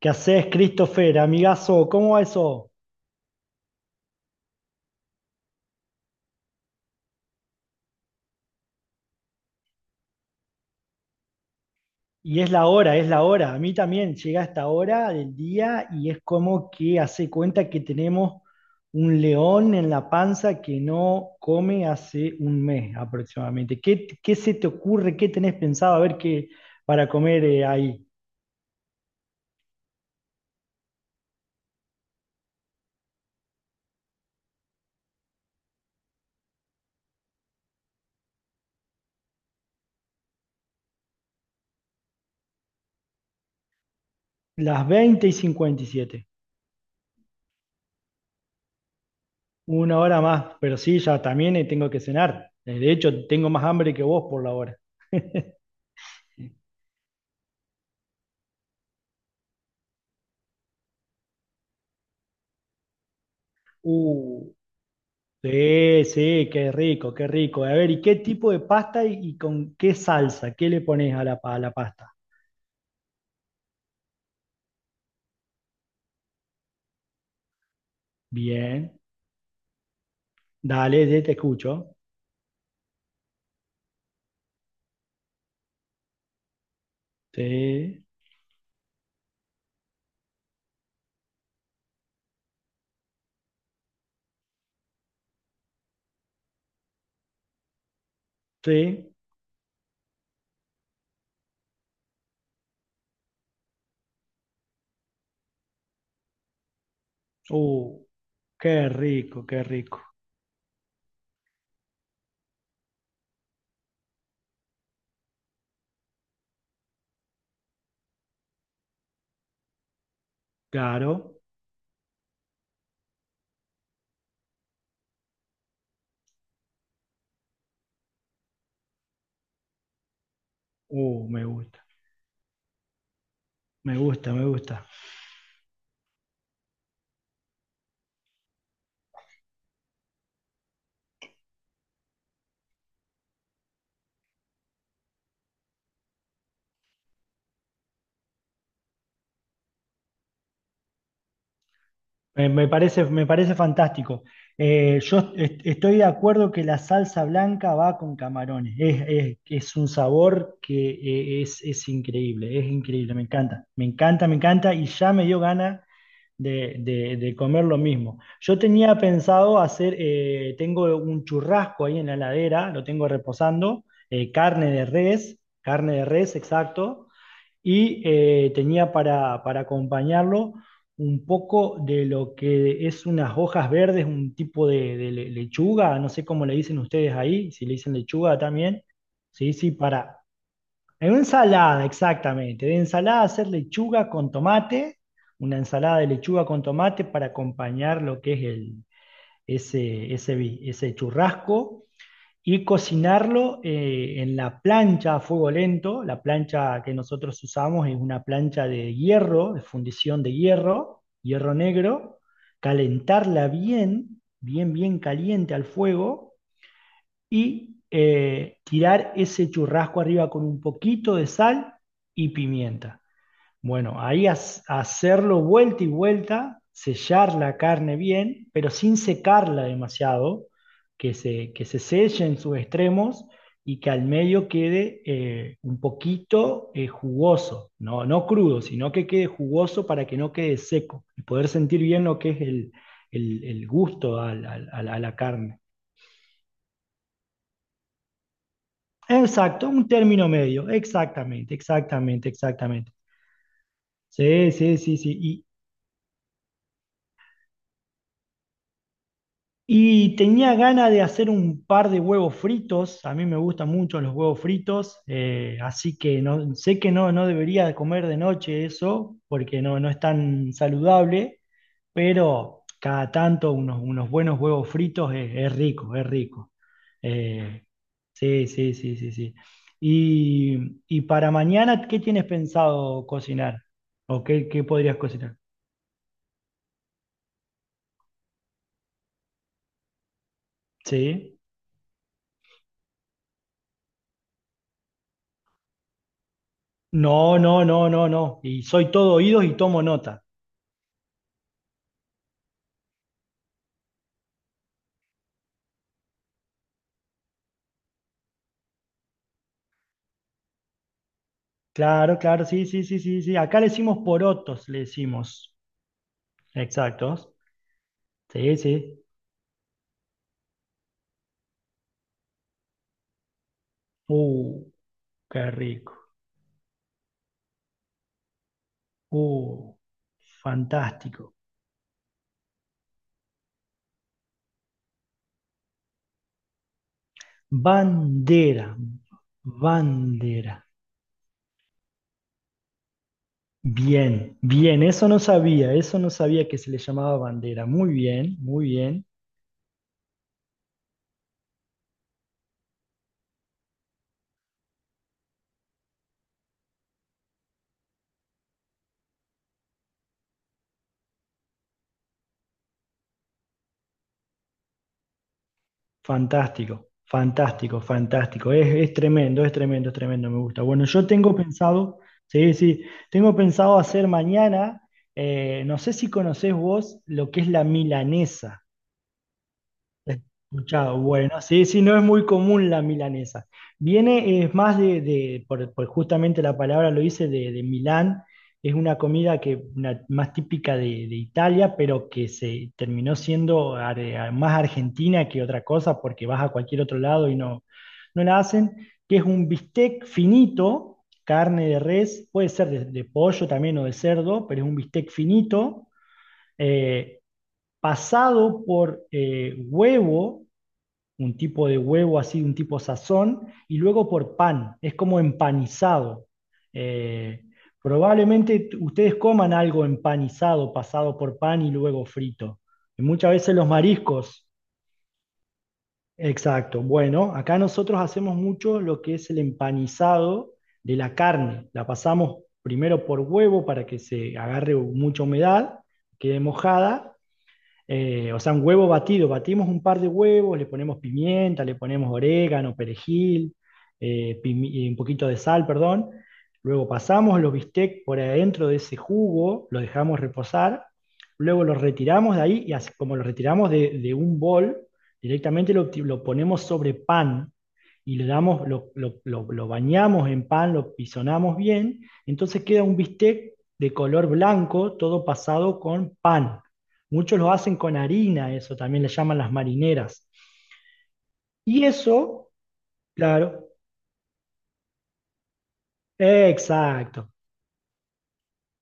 ¿Qué haces, Christopher? Amigazo, ¿cómo va eso? Y es la hora, es la hora. A mí también llega esta hora del día y es como que hace cuenta que tenemos un león en la panza que no come hace un mes aproximadamente. ¿Qué se te ocurre? ¿Qué tenés pensado? A ver qué para comer ahí. Las 20:57. Una hora más, pero sí, ya también tengo que cenar. De hecho, tengo más hambre que vos por la hora. Uh, Sí, sí, qué rico, qué rico. A ver, ¿y qué tipo de pasta y con qué salsa? ¿Qué le pones a a la pasta? Bien, dale, ya te escucho. Sí, sí. Uh, Qué rico, qué rico. Claro. Me gusta, me gusta, me gusta. Me parece fantástico. Yo estoy de acuerdo que la salsa blanca va con camarones. Es un sabor que es increíble, es increíble, me encanta, me encanta, me encanta y ya me dio ganas de comer lo mismo. Yo tenía pensado hacer, tengo un churrasco ahí en la heladera, lo tengo reposando, carne de res, exacto y tenía para acompañarlo un poco de lo que es unas hojas verdes, un tipo de lechuga, no sé cómo le dicen ustedes ahí, si le dicen lechuga también. Sí, sí, para. En una ensalada, exactamente. De ensalada hacer lechuga con tomate, una ensalada de lechuga con tomate para acompañar lo que es el, ese, vi- ese churrasco y cocinarlo en la plancha a fuego lento. La plancha que nosotros usamos es una plancha de hierro, de fundición de hierro, hierro negro, calentarla bien, bien, bien caliente al fuego y tirar ese churrasco arriba con un poquito de sal y pimienta. Bueno, ahí hacerlo vuelta y vuelta, sellar la carne bien, pero sin secarla demasiado, que se selle en sus extremos y que al medio quede un poquito jugoso, no, no crudo, sino que quede jugoso para que no quede seco y poder sentir bien lo que es el gusto a la carne. Exacto, un término medio, exactamente, exactamente, exactamente. Sí, sí, sí, sí. Y tenía ganas de hacer un par de huevos fritos. A mí me gustan mucho los huevos fritos, así que no, sé que no debería comer de noche eso, porque no es tan saludable, pero cada tanto unos buenos huevos fritos es rico, es rico. Eh, sí, sí, sí, sí, sí. Y para mañana, ¿qué tienes pensado cocinar? ¿O qué podrías cocinar? Sí. No, no, no, no, no. Y soy todo oídos y tomo nota. Claro, claro, sí, sí, sí, sí, sí. Acá le decimos porotos, le decimos. Exactos. Sí, sí. Uh, Qué rico. Uh, Fantástico. Bandera, bandera. Bien, bien, eso no sabía que se le llamaba bandera. Muy bien, muy bien. Fantástico, fantástico, fantástico. Es tremendo, es tremendo, es tremendo, me gusta. Bueno, yo tengo pensado, sí, sí, tengo pensado hacer mañana, no sé si conocés vos lo que es la milanesa. La he escuchado, bueno, sí, sí, no es muy común la milanesa. Viene, es más por justamente la palabra lo dice, de Milán. Es una comida que más típica de Italia, pero que se terminó siendo más argentina que otra cosa, porque vas a cualquier otro lado y no la hacen, que es un bistec finito, carne de res, puede ser de pollo también o de cerdo, pero es un bistec finito, eh, pasado por huevo, un tipo de huevo así, un tipo sazón, y luego por pan, es como empanizado. Eh, Probablemente ustedes coman algo empanizado, pasado por pan y luego frito. Y muchas veces los mariscos, exacto. Bueno, acá nosotros hacemos mucho lo que es el empanizado de la carne. La pasamos primero por huevo para que se agarre mucha humedad, quede mojada, o sea, un huevo batido, batimos un par de huevos, le ponemos pimienta, le ponemos orégano, perejil, y un poquito de sal, perdón. Luego pasamos los bistecs por adentro de ese jugo, lo dejamos reposar, luego los retiramos de ahí y así como lo retiramos de un bol, directamente lo ponemos sobre pan y le damos, lo bañamos en pan, lo pisonamos bien, entonces queda un bistec de color blanco, todo pasado con pan. Muchos lo hacen con harina, eso también le llaman las marineras. Y eso, claro, exacto.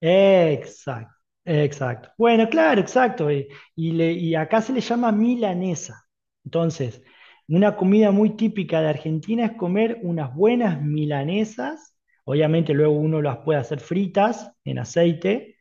Exacto, exacto. Bueno, claro, exacto. Y acá se le llama milanesa. Entonces, una comida muy típica de Argentina es comer unas buenas milanesas. Obviamente luego uno las puede hacer fritas en aceite.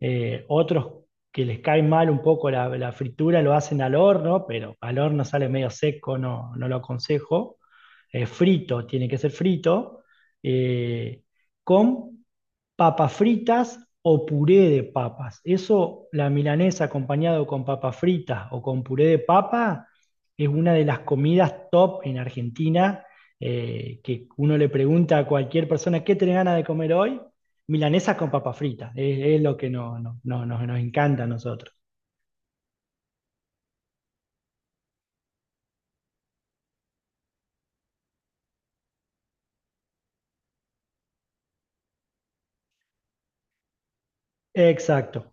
Otros que les cae mal un poco la fritura lo hacen al horno, pero al horno sale medio seco, no lo aconsejo. Frito, tiene que ser frito. eh, con papas fritas o puré de papas. Eso, la milanesa acompañado con papas fritas o con puré de papa, es una de las comidas top en Argentina, que uno le pregunta a cualquier persona, ¿qué tiene ganas de comer hoy? Milanesa con papas fritas, es lo que nos encanta a nosotros. Exacto.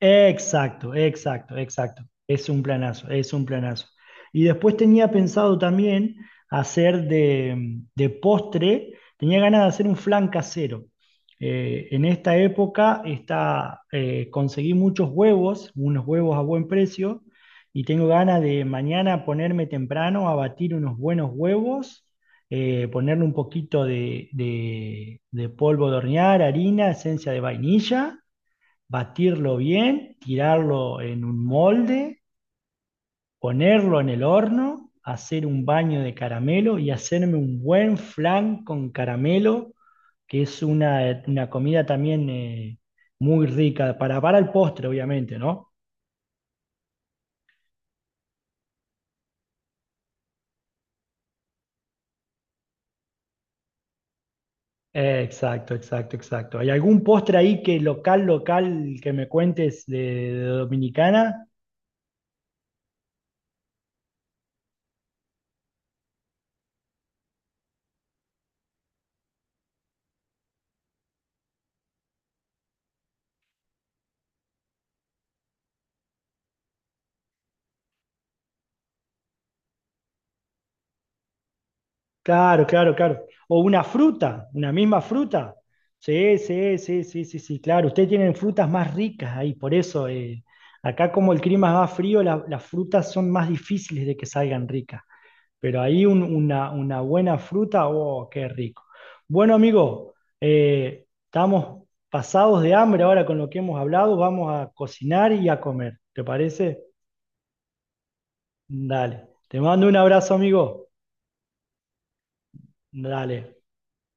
Exacto, exacto, exacto. Es un planazo, es un planazo. Y después tenía pensado también hacer de postre, tenía ganas de hacer un flan casero. En esta época está, conseguí muchos huevos, unos huevos a buen precio, y tengo ganas de mañana ponerme temprano a batir unos buenos huevos, ponerle un poquito de polvo de hornear, harina, esencia de vainilla, batirlo bien, tirarlo en un molde, ponerlo en el horno, hacer un baño de caramelo y hacerme un buen flan con caramelo, que es una comida también muy rica, para el postre, obviamente, ¿no? Exacto, exacto, exacto. ¿Hay algún postre ahí que local, local, que me cuentes de Dominicana? Claro, claro, claro. O una fruta, una misma fruta. Sí, sí, sí, sí, sí, sí, claro. Ustedes tienen frutas más ricas ahí, por eso acá como el clima es más frío, las frutas son más difíciles de que salgan ricas. Pero ahí una buena fruta, oh, qué rico. Bueno, amigo, estamos pasados de hambre ahora con lo que hemos hablado. Vamos a cocinar y a comer. ¿Te parece? Dale. Te mando un abrazo, amigo. Dale.